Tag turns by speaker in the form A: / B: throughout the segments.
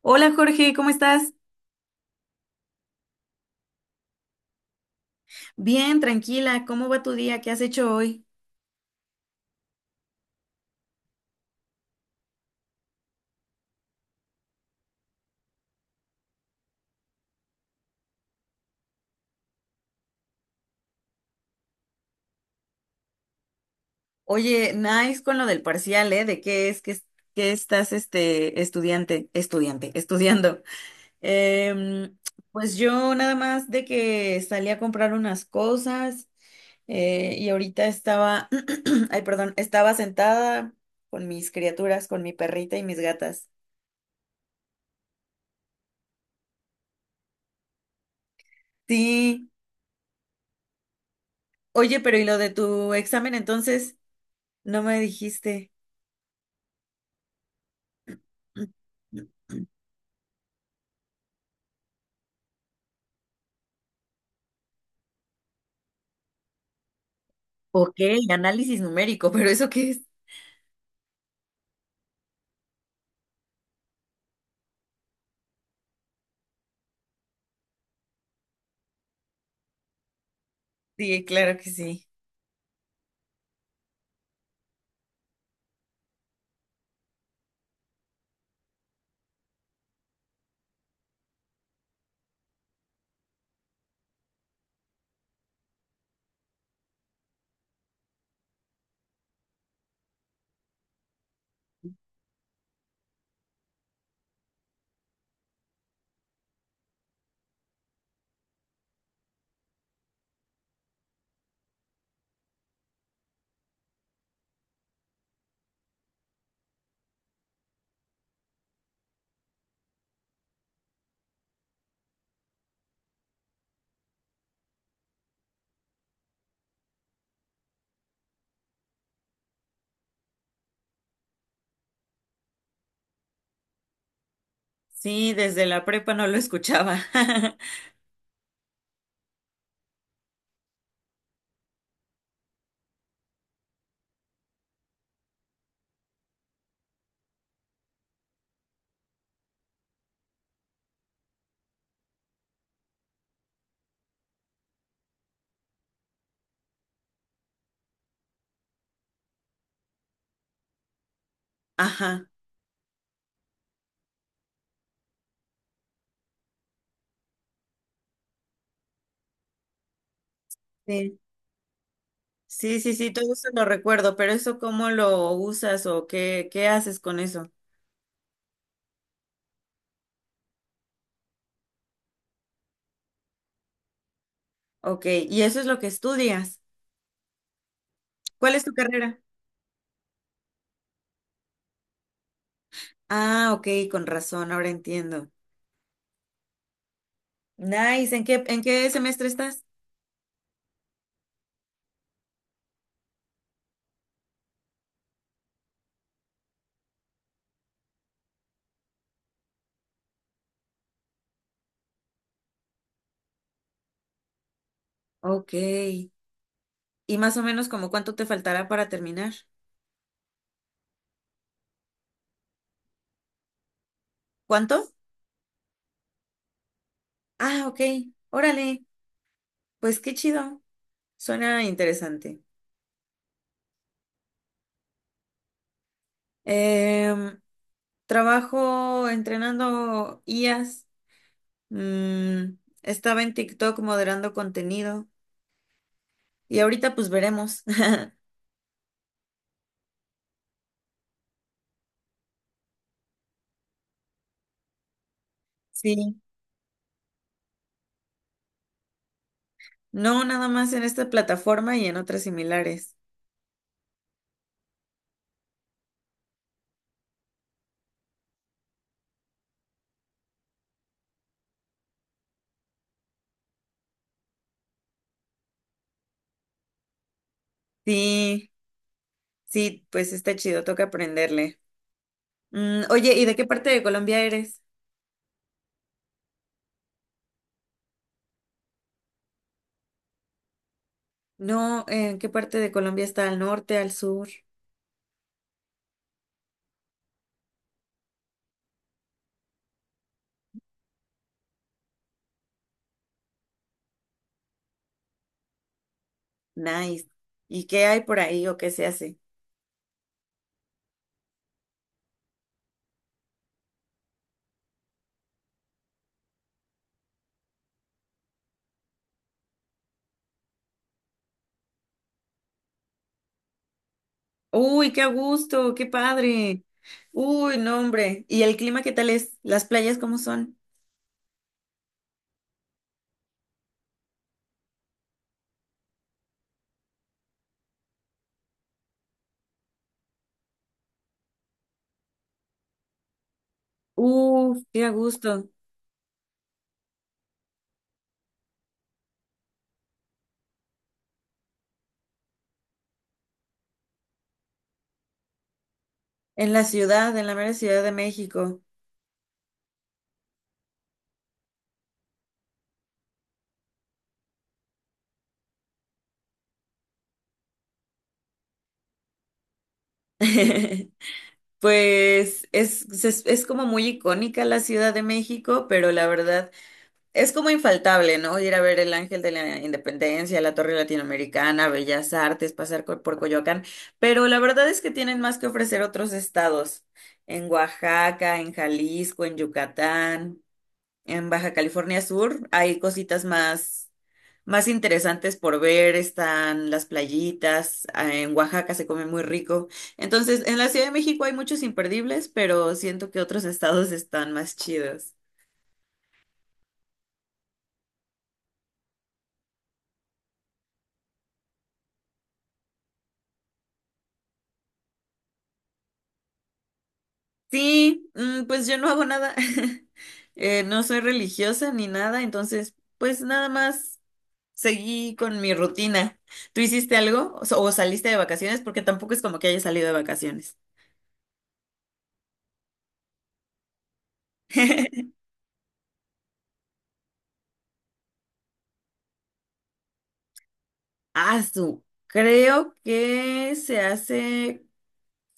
A: Hola Jorge, ¿cómo estás? Bien, tranquila, ¿cómo va tu día? ¿Qué has hecho hoy? Oye, nice con lo del parcial, ¿eh? ¿De qué es- que estás este estudiando? Em, pues yo nada más de que salí a comprar unas cosas, y ahorita estaba, ay, perdón, estaba sentada con mis criaturas, con mi perrita y mis gatas. Sí, oye, pero ¿y lo de tu examen entonces? No me dijiste. Ok, análisis numérico, pero ¿eso qué es? Sí, claro que sí. Sí, desde la prepa no lo escuchaba. Ajá. Sí, sí, sí, sí, todo eso lo recuerdo, pero ¿eso cómo lo usas o qué haces con eso? Ok, y eso es lo que estudias. ¿Cuál es tu carrera? Ah, ok, con razón, ahora entiendo. Nice, ¿en en qué semestre estás? Ok. ¿Y más o menos como cuánto te faltará para terminar? ¿Cuánto? Ah, ok, órale, pues qué chido, suena interesante. Em, Trabajo entrenando IAs. mm, Estaba en TikTok moderando contenido. Y ahorita pues veremos. Sí. No nada más en esta plataforma y en otras similares. Sí, sí, pues está chido, toca aprenderle. Mm, oye, ¿y de qué parte de Colombia eres? No, ¿en qué parte de Colombia está? ¿Al norte, al sur? Nice. ¿Y qué hay por ahí o qué se hace? Uy, qué a gusto, qué padre. Uy, no, hombre. ¿Y el clima qué tal es? ¿Las playas cómo son? Uf, qué a gusto. En la ciudad, en la mera Ciudad de México. Pues es como muy icónica la Ciudad de México, pero la verdad es como infaltable, ¿no? Ir a ver el Ángel de la Independencia, la Torre Latinoamericana, Bellas Artes, pasar por Coyoacán, pero la verdad es que tienen más que ofrecer otros estados, en Oaxaca, en Jalisco, en Yucatán, en Baja California Sur, hay cositas más, más interesantes por ver, están las playitas, ah, en Oaxaca se come muy rico. Entonces, en la Ciudad de México hay muchos imperdibles, pero siento que otros estados están más chidos. Sí, mm, pues yo no hago nada. No soy religiosa ni nada, entonces pues nada más seguí con mi rutina. ¿Tú hiciste algo o o saliste de vacaciones? Porque tampoco es como que haya salido de vacaciones. Ah, su. Creo que se hace.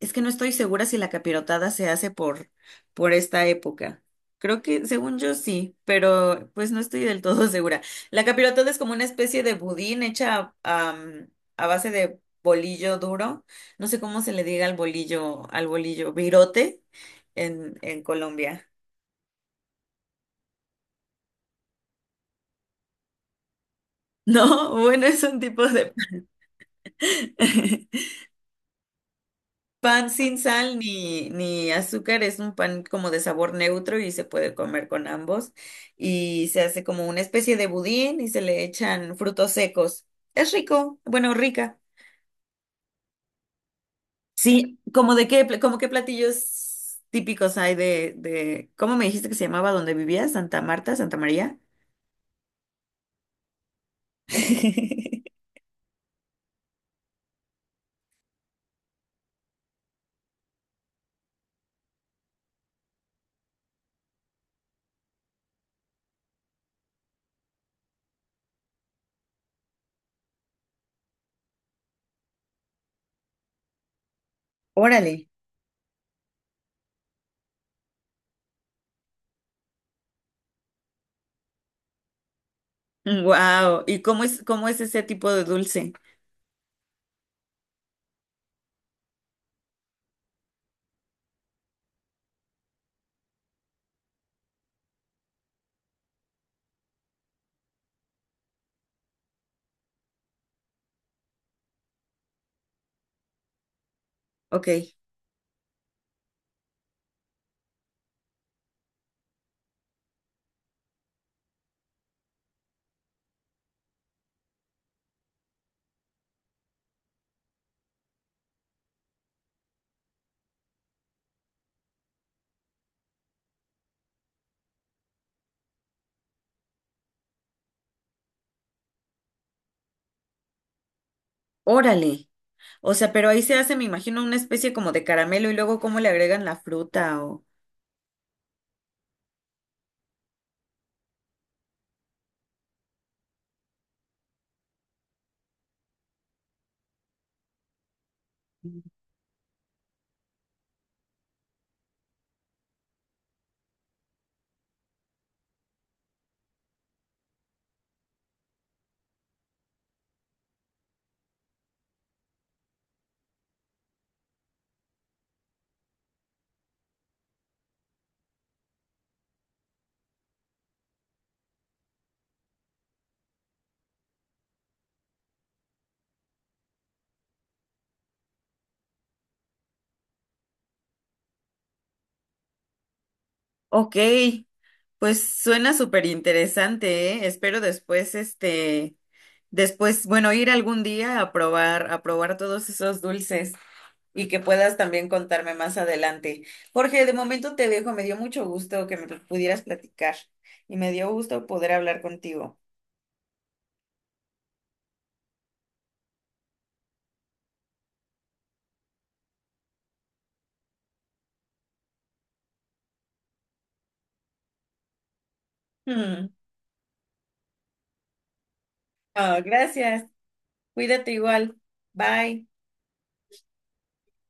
A: Es que no estoy segura si la capirotada se hace por esta época. Creo que, según yo, sí, pero pues no estoy del todo segura. La capirotada es como una especie de budín hecha a base de bolillo duro. No sé cómo se le diga al bolillo, virote en Colombia. No, bueno, es un tipo de... Pan sin sal ni azúcar, es un pan como de sabor neutro y se puede comer con ambos. Y se hace como una especie de budín y se le echan frutos secos. Es rico, bueno, rica. Sí, ¿como de como qué platillos típicos hay de, ¿cómo me dijiste que se llamaba donde vivías? Santa Marta, Santa María. Órale. Wow, ¿y cómo cómo es ese tipo de dulce? Ok, órale. O sea, pero ahí se hace, me imagino, una especie como de caramelo y luego cómo le agregan la fruta o... Ok, pues suena súper interesante, ¿eh? Espero después, este, después, bueno, ir algún día a a probar todos esos dulces y que puedas también contarme más adelante. Jorge, de momento te dejo, me dio mucho gusto que me pudieras platicar y me dio gusto poder hablar contigo. Mm. Oh, gracias, cuídate igual, bye.